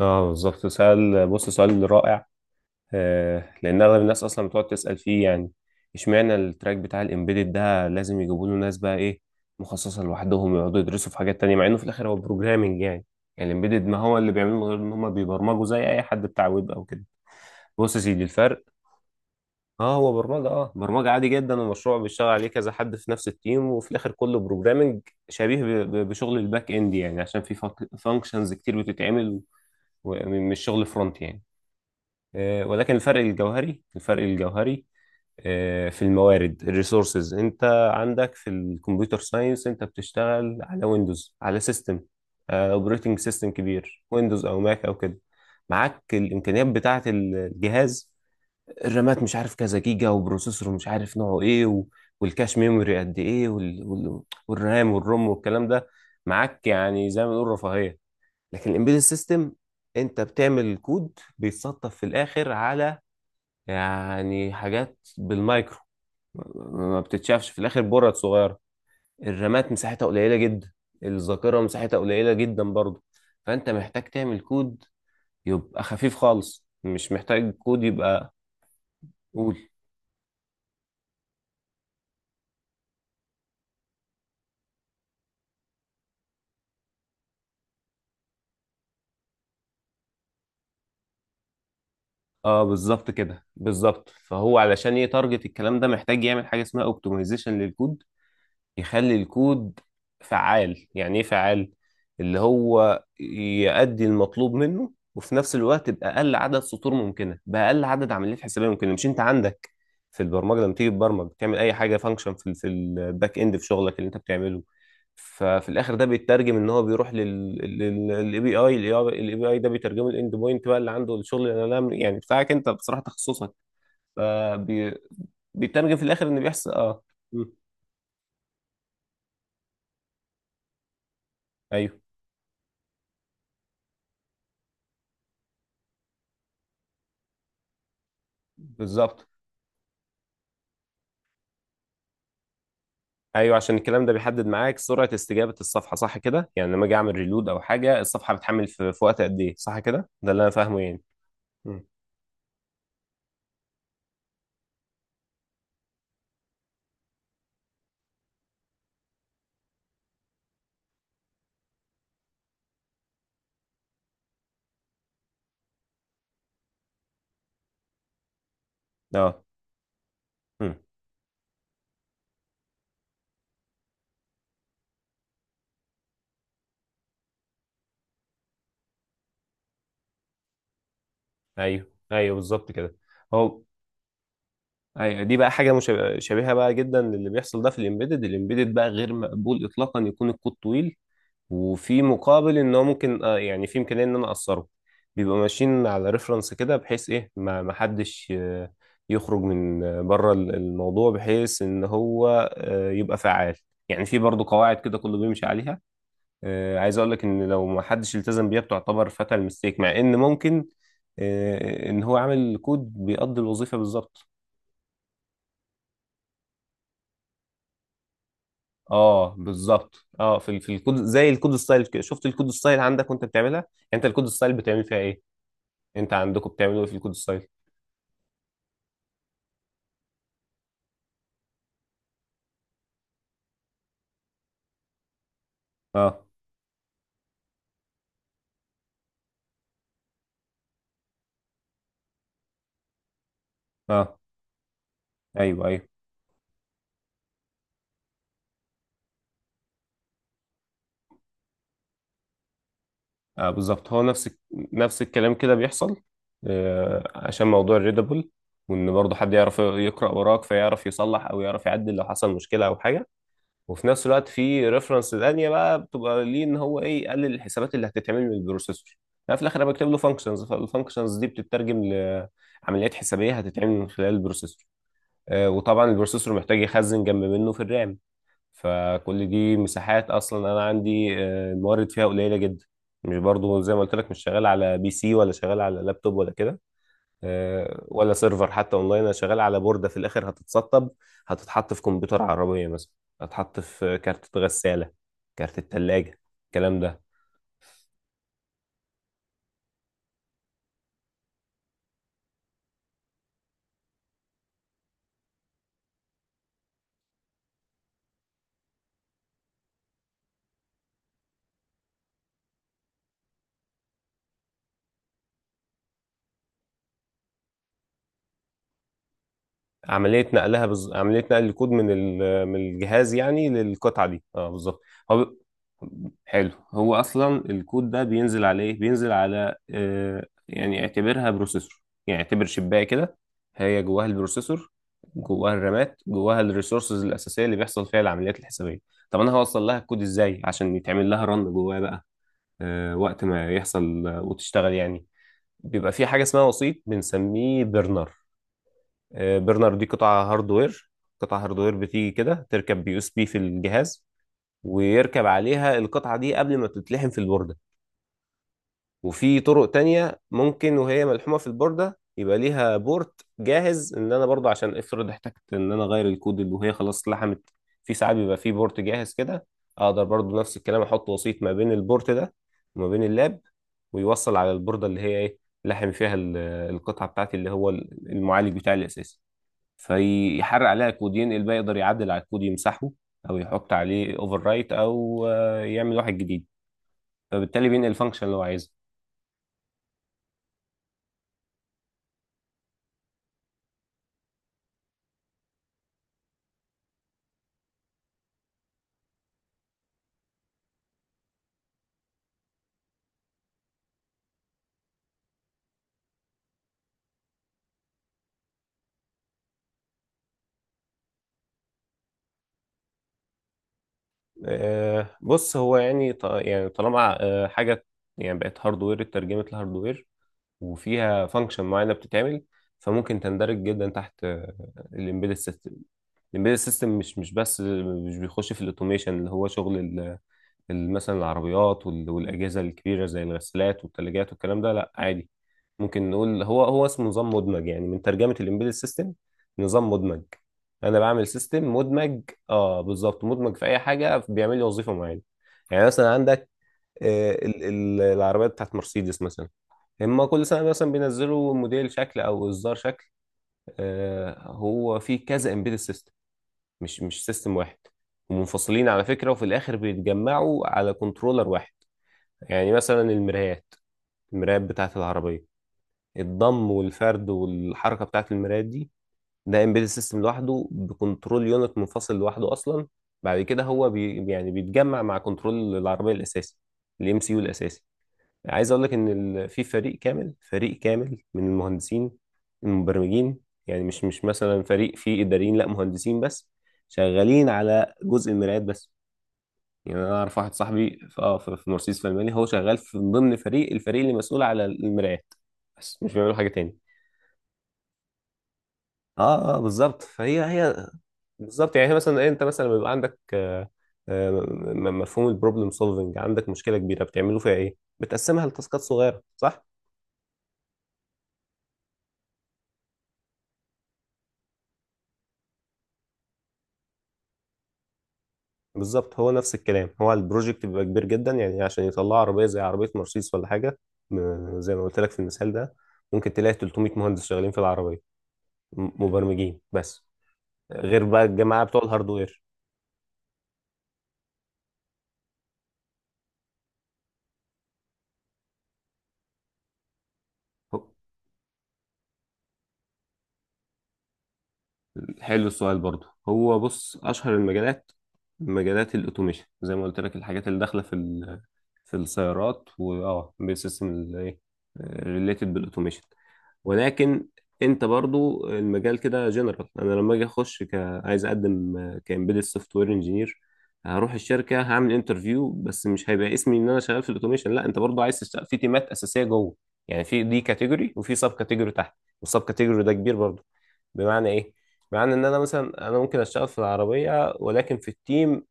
اه، بالظبط. سؤال، بص، سؤال رائع. لان اغلب الناس اصلا بتقعد تسال فيه، يعني اشمعنى التراك بتاع الامبيدد ده لازم يجيبوا له ناس بقى ايه، مخصصه لوحدهم، يقعدوا يدرسوا في حاجات تانية، مع انه في الاخر هو بروجرامنج يعني. يعني الامبيدد ما هو اللي بيعملوه من غير ان هم بيبرمجوا زي اي حد بتاع ويب او كده. بص يا سيدي الفرق. اه، هو برمجه، اه برمجه عادي جدا، ومشروع بيشتغل عليه كذا حد في نفس التيم، وفي الاخر كله بروجرامنج. شبيه بشغل الباك اند، يعني عشان في فانكشنز كتير بتتعمل، ومش شغل فرونت يعني. ولكن الفرق الجوهري، الفرق الجوهري، في الموارد، الريسورسز، انت عندك في الكمبيوتر ساينس انت بتشتغل على ويندوز، على سيستم اوبريتنج سيستم كبير، ويندوز او ماك او كده. معاك الامكانيات بتاعه الجهاز، الرامات مش عارف كذا جيجا، وبروسيسور مش عارف نوعه ايه، والكاش ميموري قد ايه، والرام والروم والكلام ده معاك، يعني زي ما نقول رفاهيه. لكن الامبيدد سيستم، انت بتعمل كود بيتصطف في الاخر على، يعني حاجات بالمايكرو، ما بتتشافش في الاخر، برد صغيره. الرامات مساحتها قليله جدا، الذاكره مساحتها قليله جدا برضه. فانت محتاج تعمل كود يبقى خفيف خالص، مش محتاج كود يبقى. قول. اه بالظبط كده، بالظبط. فهو علشان يتارجت الكلام ده محتاج يعمل حاجه اسمها اوبتمايزيشن للكود، يخلي الكود فعال. يعني ايه فعال؟ اللي هو يؤدي المطلوب منه، وفي نفس الوقت بأقل عدد سطور ممكنة، بأقل عدد عمليات حسابية ممكنة. مش انت عندك في البرمجة، لما تيجي تبرمج تعمل اي حاجة فانكشن في في الباك اند، في شغلك اللي انت بتعمله. ففي الاخر ده بيترجم ان هو بيروح للاي بي اي، الاي بي اي ده بيترجمه الاند بوينت بقى، اللي عنده الشغل اللي انا، يعني بتاعك انت، بصراحة تخصصك. فبي- بيترجم في الاخر ان بيحصل اه. مم. ايوه بالظبط. ايوه، عشان الكلام ده بيحدد معاك سرعه استجابه الصفحه، صح كده؟ يعني لما اجي اعمل ريلود او حاجه، الصفحه بتحمل في وقت قد ايه، صح كده؟ ده اللي انا فاهمه يعني. مم. اه مم. ايوه ايوه بالظبط كده. هو، ايوه دي بقى حاجه مشابهه، شبيهة بقى جدا للي بيحصل ده. في الامبيدد، الامبيدد بقى غير مقبول اطلاقا يكون الكود طويل وفي مقابل ان هو ممكن يعني في امكانيه ان انا اقصره. بيبقوا ماشيين على ريفرنس كده، بحيث ايه ما حدش يخرج من بره الموضوع، بحيث ان هو يبقى فعال. يعني في برضو قواعد كده كله بيمشي عليها. عايز اقول لك ان لو ما حدش التزم بيها بتعتبر فاتال ميستيك، مع ان ممكن ان هو عامل كود بيقضي الوظيفه بالظبط. اه بالظبط. اه، في في الكود، زي الكود ستايل كده، شفت الكود ستايل عندك وانت بتعملها يعني؟ انت الكود ستايل بتعمل فيها ايه؟ انت عندكم بتعملوا ايه في الكود السايل؟ اه اه ايوه ايوه. بالظبط. هو نفس نفس الكلام كده بيحصل. آه، عشان موضوع الريدابل، وان برضه حد يعرف يقرا وراك فيعرف يصلح او يعرف يعدل لو حصل مشكله او حاجه. وفي نفس الوقت في ريفرنس تانية بقى بتبقى ليه، ان هو ايه، يقلل الحسابات اللي هتتعمل من البروسيسور. لا، في الاخر انا بكتب له فانكشنز، فالفانكشنز دي بتترجم لعمليات حسابيه هتتعمل من خلال البروسيسور. آه، وطبعا البروسيسور محتاج يخزن جنب منه في الرام. فكل دي مساحات اصلا انا عندي الموارد فيها قليله جدا. مش برضو زي ما قلت لك، مش شغال على بي سي، ولا شغال على لابتوب، ولا كده، ولا سيرفر حتى اونلاين. انا شغال على بورده في الاخر هتتسطب، هتتحط في كمبيوتر عربيه مثلا، هتتحط في كارت غساله، كارت الثلاجه، الكلام ده. عملية نقل الكود من من الجهاز يعني للقطعة دي، اه بالظبط. هو ب- حلو، هو اصلا الكود ده بينزل على ايه؟ بينزل على آه، يعني اعتبرها بروسيسور، يعني اعتبر شباية كده، هي جواها البروسيسور، جواها الرامات، جواها الريسورسز الاساسية اللي بيحصل فيها العمليات الحسابية. طب انا هوصل لها الكود ازاي عشان يتعمل لها رن جواها بقى وقت ما يحصل وتشتغل يعني؟ بيبقى في حاجة اسمها وسيط، بنسميه برنر. برنر دي قطعة هاردوير، قطعة هاردوير بتيجي كده تركب بي اس بي في الجهاز، ويركب عليها القطعة دي قبل ما تتلحم في البوردة. وفي طرق تانية ممكن وهي ملحومة في البوردة يبقى ليها بورت جاهز، ان انا برضو عشان افرض احتجت ان انا اغير الكود اللي، وهي خلاص لحمت. في ساعات بيبقى في بورت جاهز كده، اقدر برضو نفس الكلام احط وسيط ما بين البورت ده وما بين اللاب، ويوصل على البوردة اللي هي ايه، لحم فيها القطعة بتاعتي، اللي هو المعالج بتاعي الاساسي. فيحرق عليها كود، ينقل بقى، يقدر يعدل على الكود، يمسحه او يحط عليه اوفر رايت، او يعمل واحد جديد. فبالتالي بينقل الفانكشن اللي هو عايزها. بص، هو يعني يعني طالما حاجه يعني بقت هاردوير، اترجمت لهاردوير، وفيها فانكشن معينه بتتعمل، فممكن تندرج جدا تحت الامبيدد سيستم. الامبيدد سيستم مش بس، مش بيخش في الاوتوميشن اللي هو شغل مثلا العربيات والأجهزة الكبيرة زي الغسالات والثلاجات والكلام ده، لا عادي. ممكن نقول هو، هو اسمه نظام مدمج، يعني من ترجمة الإمبيدد سيستم، نظام مدمج. أنا بعمل سيستم مدمج. اه بالظبط، مدمج في أي حاجة، بيعمل لي وظيفة معينة. يعني مثلا عندك العربيات بتاعت مرسيدس مثلا، هما كل سنة مثلا بينزلوا موديل شكل أو إصدار شكل. هو فيه كذا إمبيدد سيستم، مش سيستم واحد، ومنفصلين على فكرة، وفي الآخر بيتجمعوا على كنترولر واحد. يعني مثلا المرايات، المرايات بتاعت العربية، الضم والفرد والحركة بتاعت المرايات دي، ده امبيدد سيستم لوحده، بكنترول يونت منفصل لوحده أصلا. بعد كده هو بي، يعني بيتجمع مع كنترول العربية الأساسي، الام سي يو الأساسي. عايز أقول لك إن في فريق كامل، فريق كامل من المهندسين المبرمجين، يعني مش مثلا فريق فيه إداريين، لا مهندسين بس، شغالين على جزء المرايات بس. يعني انا اعرف واحد صاحبي في اه، في في مرسيدس في المانيا، هو شغال في، من ضمن فريق، الفريق اللي مسؤول على المرايات، بس مش بيعملوا حاجه تاني. اه اه بالظبط. فهي هي بالظبط، يعني هي مثلا إيه، انت مثلا لما بيبقى عندك مفهوم البروبلم سولفنج، عندك مشكله كبيره بتعملوا فيها ايه؟ بتقسمها لتاسكات صغيره، صح؟ بالظبط، هو نفس الكلام. هو البروجكت بيبقى كبير جدا، يعني عشان يطلع عربيه زي عربيه مرسيدس ولا حاجه. زي ما قلت لك في المثال ده، ممكن تلاقي 300 مهندس شغالين في العربيه، مبرمجين بس، غير بقى الجماعة بتوع الهاردوير. هو- حلو السؤال برضو. هو بص، اشهر المجالات مجالات الاوتوميشن، زي ما قلت لك الحاجات اللي داخله في في السيارات، واه بسيستم الايه، ريليتد بالاوتوميشن. ولكن انت برضو المجال كده جنرال. انا لما اجي اخش عايز اقدم كامبيدد سوفت وير انجينير، هروح الشركه هعمل انترفيو، بس مش هيبقى اسمي ان انا شغال في الاوتوميشن، لا، انت برضو عايز تشتغل في تيمات اساسيه جوه. يعني في دي كاتيجوري، وفي سب كاتيجوري تحت، والسب كاتيجوري ده كبير برضو. بمعنى ايه؟ بمعنى ان انا مثلا انا ممكن اشتغل في العربيه، ولكن في التيم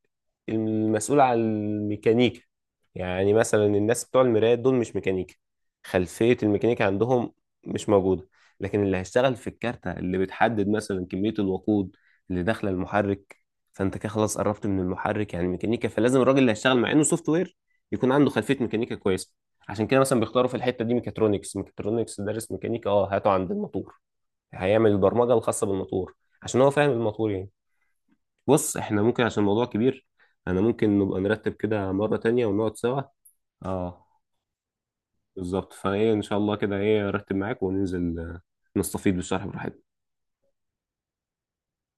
المسؤول عن الميكانيكا. يعني مثلا الناس بتوع المرايات دول مش ميكانيكا، خلفية الميكانيكا عندهم مش موجودة. لكن اللي هيشتغل في الكارتة اللي بتحدد مثلا كمية الوقود اللي داخلة المحرك، فانت كده خلاص قربت من المحرك يعني ميكانيكا، فلازم الراجل اللي هيشتغل مع انه سوفت وير يكون عنده خلفية ميكانيكا كويسة. عشان كده مثلا بيختاروا في الحتة دي ميكاترونكس. ميكاترونكس دارس ميكانيكا، اه هاته عند الموتور، هيعمل البرمجة الخاصة بالموتور، عشان هو فاهم الموتور يعني. بص احنا ممكن، عشان الموضوع كبير، انا ممكن نبقى نرتب كده مرة تانية ونقعد سوا. اه بالظبط، فايه ان شاء الله كده ايه ارتب معاك وننزل، نستفيد بالشرح براحتنا.